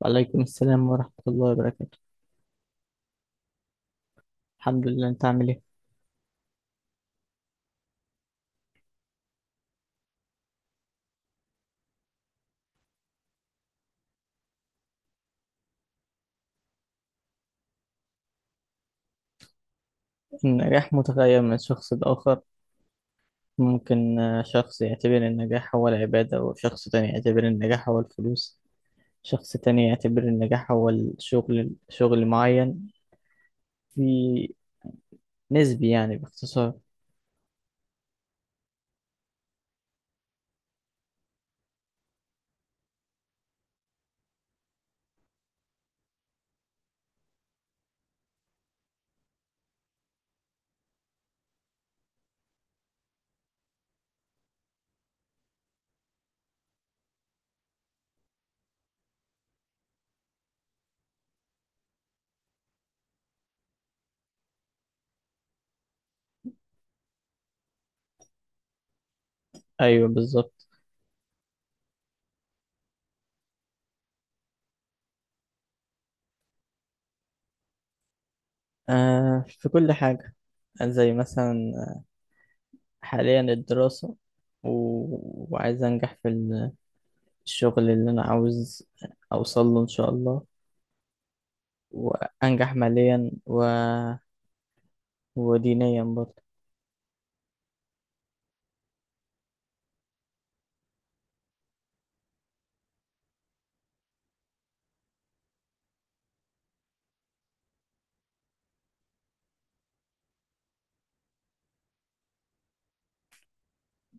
وعليكم السلام ورحمة الله وبركاته. الحمد لله، أنت عامل إيه؟ النجاح متغير من شخص لآخر. ممكن شخص يعتبر النجاح هو العبادة، وشخص تاني يعتبر النجاح هو الفلوس. شخص تاني يعتبر النجاح هو الشغل، شغل معين في. نسبي يعني، باختصار. أيوه، بالظبط. آه، في كل حاجة. زي مثلا حاليا الدراسة، و... وعايز أنجح في الشغل اللي أنا عاوز أوصل له إن شاء الله، وأنجح ماليا، و... ودينيا برضه.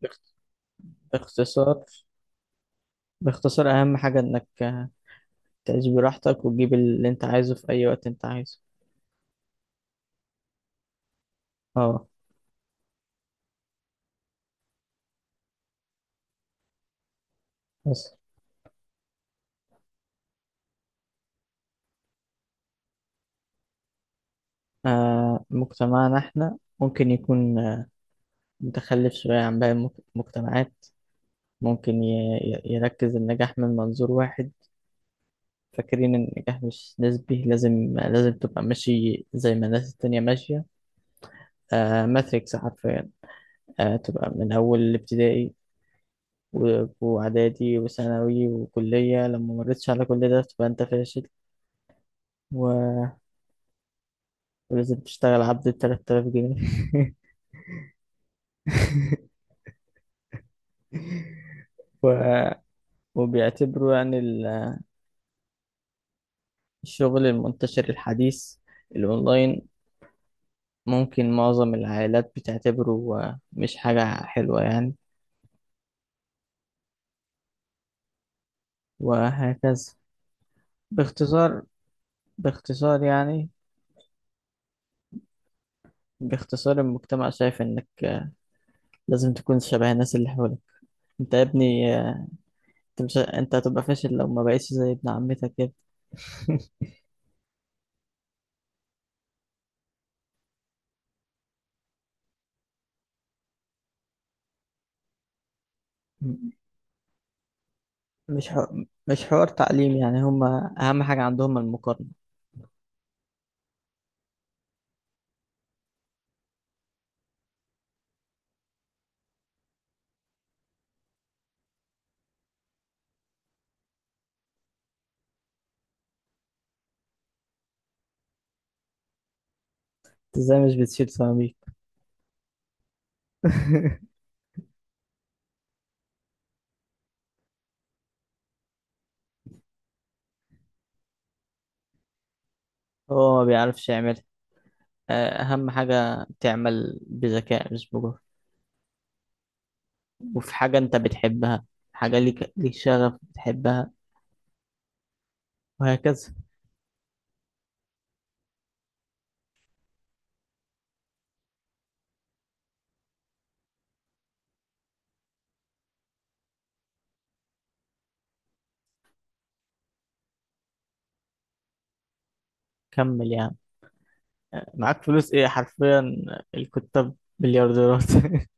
باخت- باختصار باختصار أهم حاجة إنك تعيش براحتك، وتجيب اللي أنت عايزه في أي وقت أنت عايزه. اه. بس. مجتمعنا إحنا ممكن يكون متخلف شوية عن باقي المجتمعات. ممكن يركز النجاح من منظور واحد. فاكرين إن النجاح مش نسبي، لازم تبقى ماشي زي ما الناس التانية ماشية. ماتريكس حرفيا. تبقى من أول الابتدائي و- وإعدادي وثانوي وكلية، لما مريتش على كل ده تبقى أنت فاشل. و- ولازم تشتغل عبد التلات آلاف جنيه. و... وبيعتبروا يعني الشغل المنتشر الحديث الأونلاين ممكن معظم العائلات بتعتبره مش حاجة حلوة يعني. وهكذا. باختصار باختصار يعني، باختصار المجتمع شايف إنك لازم تكون شبه الناس اللي حواليك. أنت يا ابني، انت مش انت هتبقى فاشل لو ما بقيتش زي ابن عمتك كده. مش حو... مش حوار تعليم، يعني هما اهم حاجة عندهم المقارنة. انت ازاي مش بتشيل سيراميك؟ هو ما بيعرفش يعملها. اهم حاجة تعمل بذكاء مش بجهد. وفي حاجة انت بتحبها، حاجة ليك شغف بتحبها. وهكذا. كمل يعني. معاك فلوس ايه حرفيا. الكتاب مليارديرات.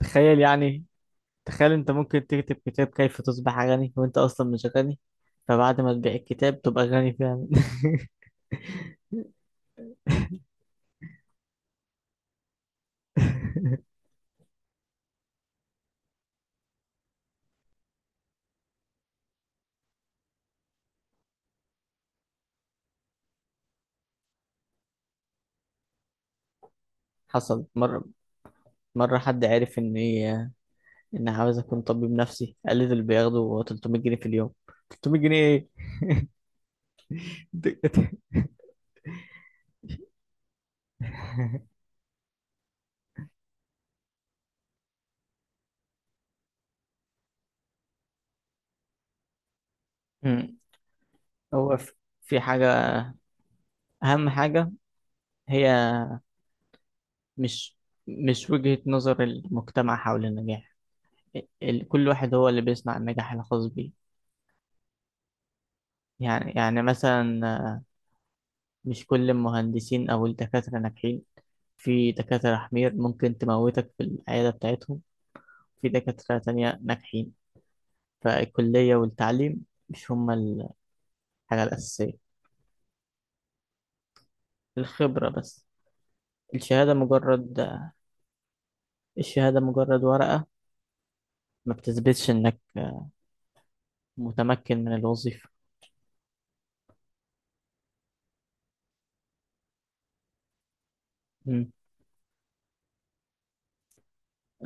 تخيل يعني. تخيل انت ممكن تكتب كتاب كيف تصبح غني، وانت اصلا مش غني. فبعد ما تبيع الكتاب تبقى غني فعلا. حصل مرة حد عرف ان عاوز اكون طبيب نفسي، قال لي دول بياخدوا 300 جنيه في اليوم. 300 جنيه ايه؟ مم. هو في حاجة، اهم حاجة هي مش مش وجهة نظر المجتمع حول النجاح. كل واحد هو اللي بيصنع النجاح الخاص بيه. يعني مثلا مش كل المهندسين أو الدكاترة ناجحين. في دكاترة حمير ممكن تموتك في العيادة بتاعتهم، في دكاترة تانية ناجحين. فالكلية والتعليم مش هما الحاجة الأساسية، الخبرة بس. الشهادة مجرد الشهادة مجرد ورقة، ما بتثبتش إنك متمكن من الوظيفة. مم.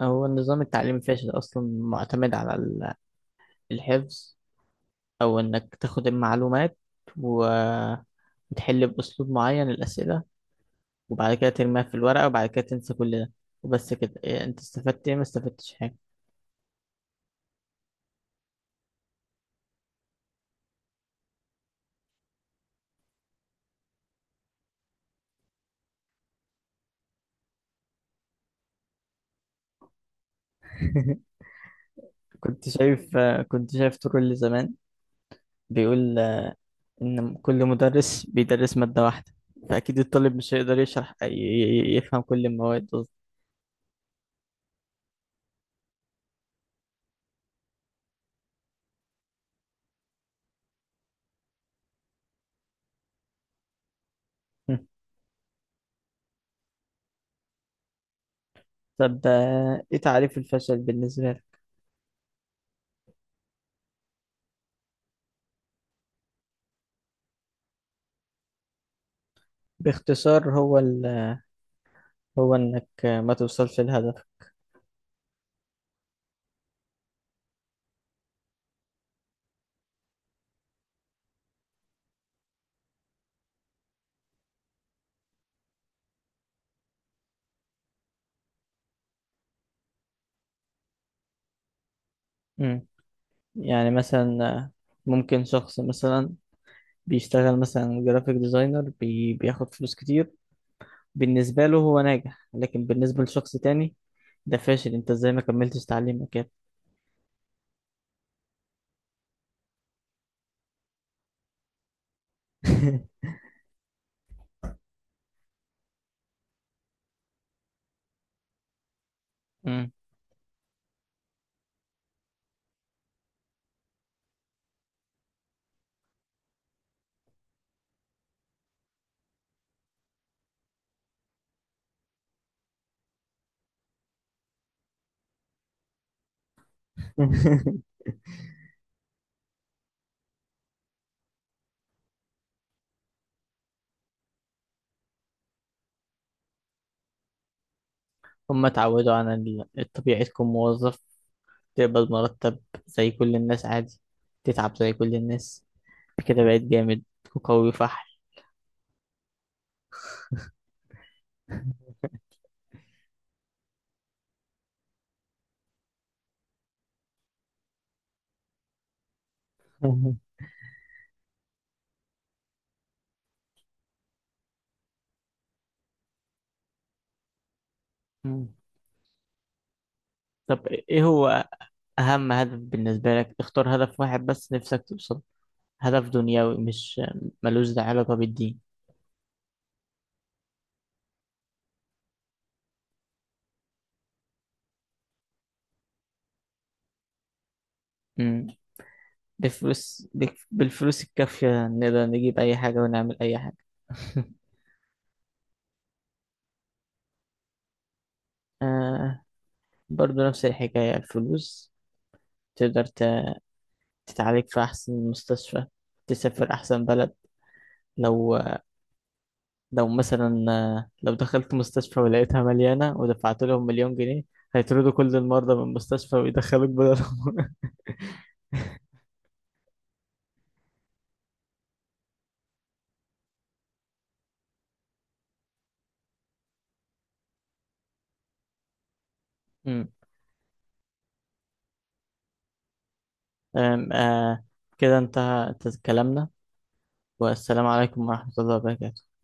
هو النظام التعليمي فاشل أصلا، معتمد على الحفظ، أو إنك تاخد المعلومات وتحل بأسلوب معين الأسئلة، وبعد كده ترميها في الورقة، وبعد كده تنسى كل ده. وبس كده، إيه انت استفدت ايه؟ ما استفدتش حاجة. كنت شايف طول زمان بيقول، ان كل مدرس بيدرس مادة واحدة، فأكيد الطالب مش هيقدر يشرح يفهم كل المواد أصلا. طب، ايه تعريف الفشل بالنسبة لك؟ باختصار هو انك ما توصلش لهدف. مم. يعني مثلا ممكن شخص مثلا بيشتغل مثلا جرافيك ديزاينر، بياخد فلوس كتير. بالنسبة له هو ناجح، لكن بالنسبة لشخص تاني ده فاشل. انت ازاي ما كملتش تعليمك كده؟ مم. هما اتعودوا على الطبيعي، تكون موظف، تقبض مرتب زي كل الناس، عادي، تتعب زي كل الناس، كده بقيت جامد وقوي فحل. مم. طب ايه هو اهم هدف بالنسبة لك؟ اختار هدف واحد بس نفسك توصل، هدف دنيوي، مش ملوش ده علاقة بالدين. بالفلوس الكافية نقدر نجيب أي حاجة ونعمل أي حاجة. آه، برضو نفس الحكاية، الفلوس. تقدر تتعالج في أحسن مستشفى، تسافر أحسن بلد. لو لو مثلا، لو دخلت مستشفى ولقيتها مليانة ودفعت لهم مليون جنيه، هيطردوا كل المرضى من المستشفى ويدخلوك بدلهم. أمم، آم، آه كده انتهى كلامنا، والسلام عليكم ورحمة الله وبركاته.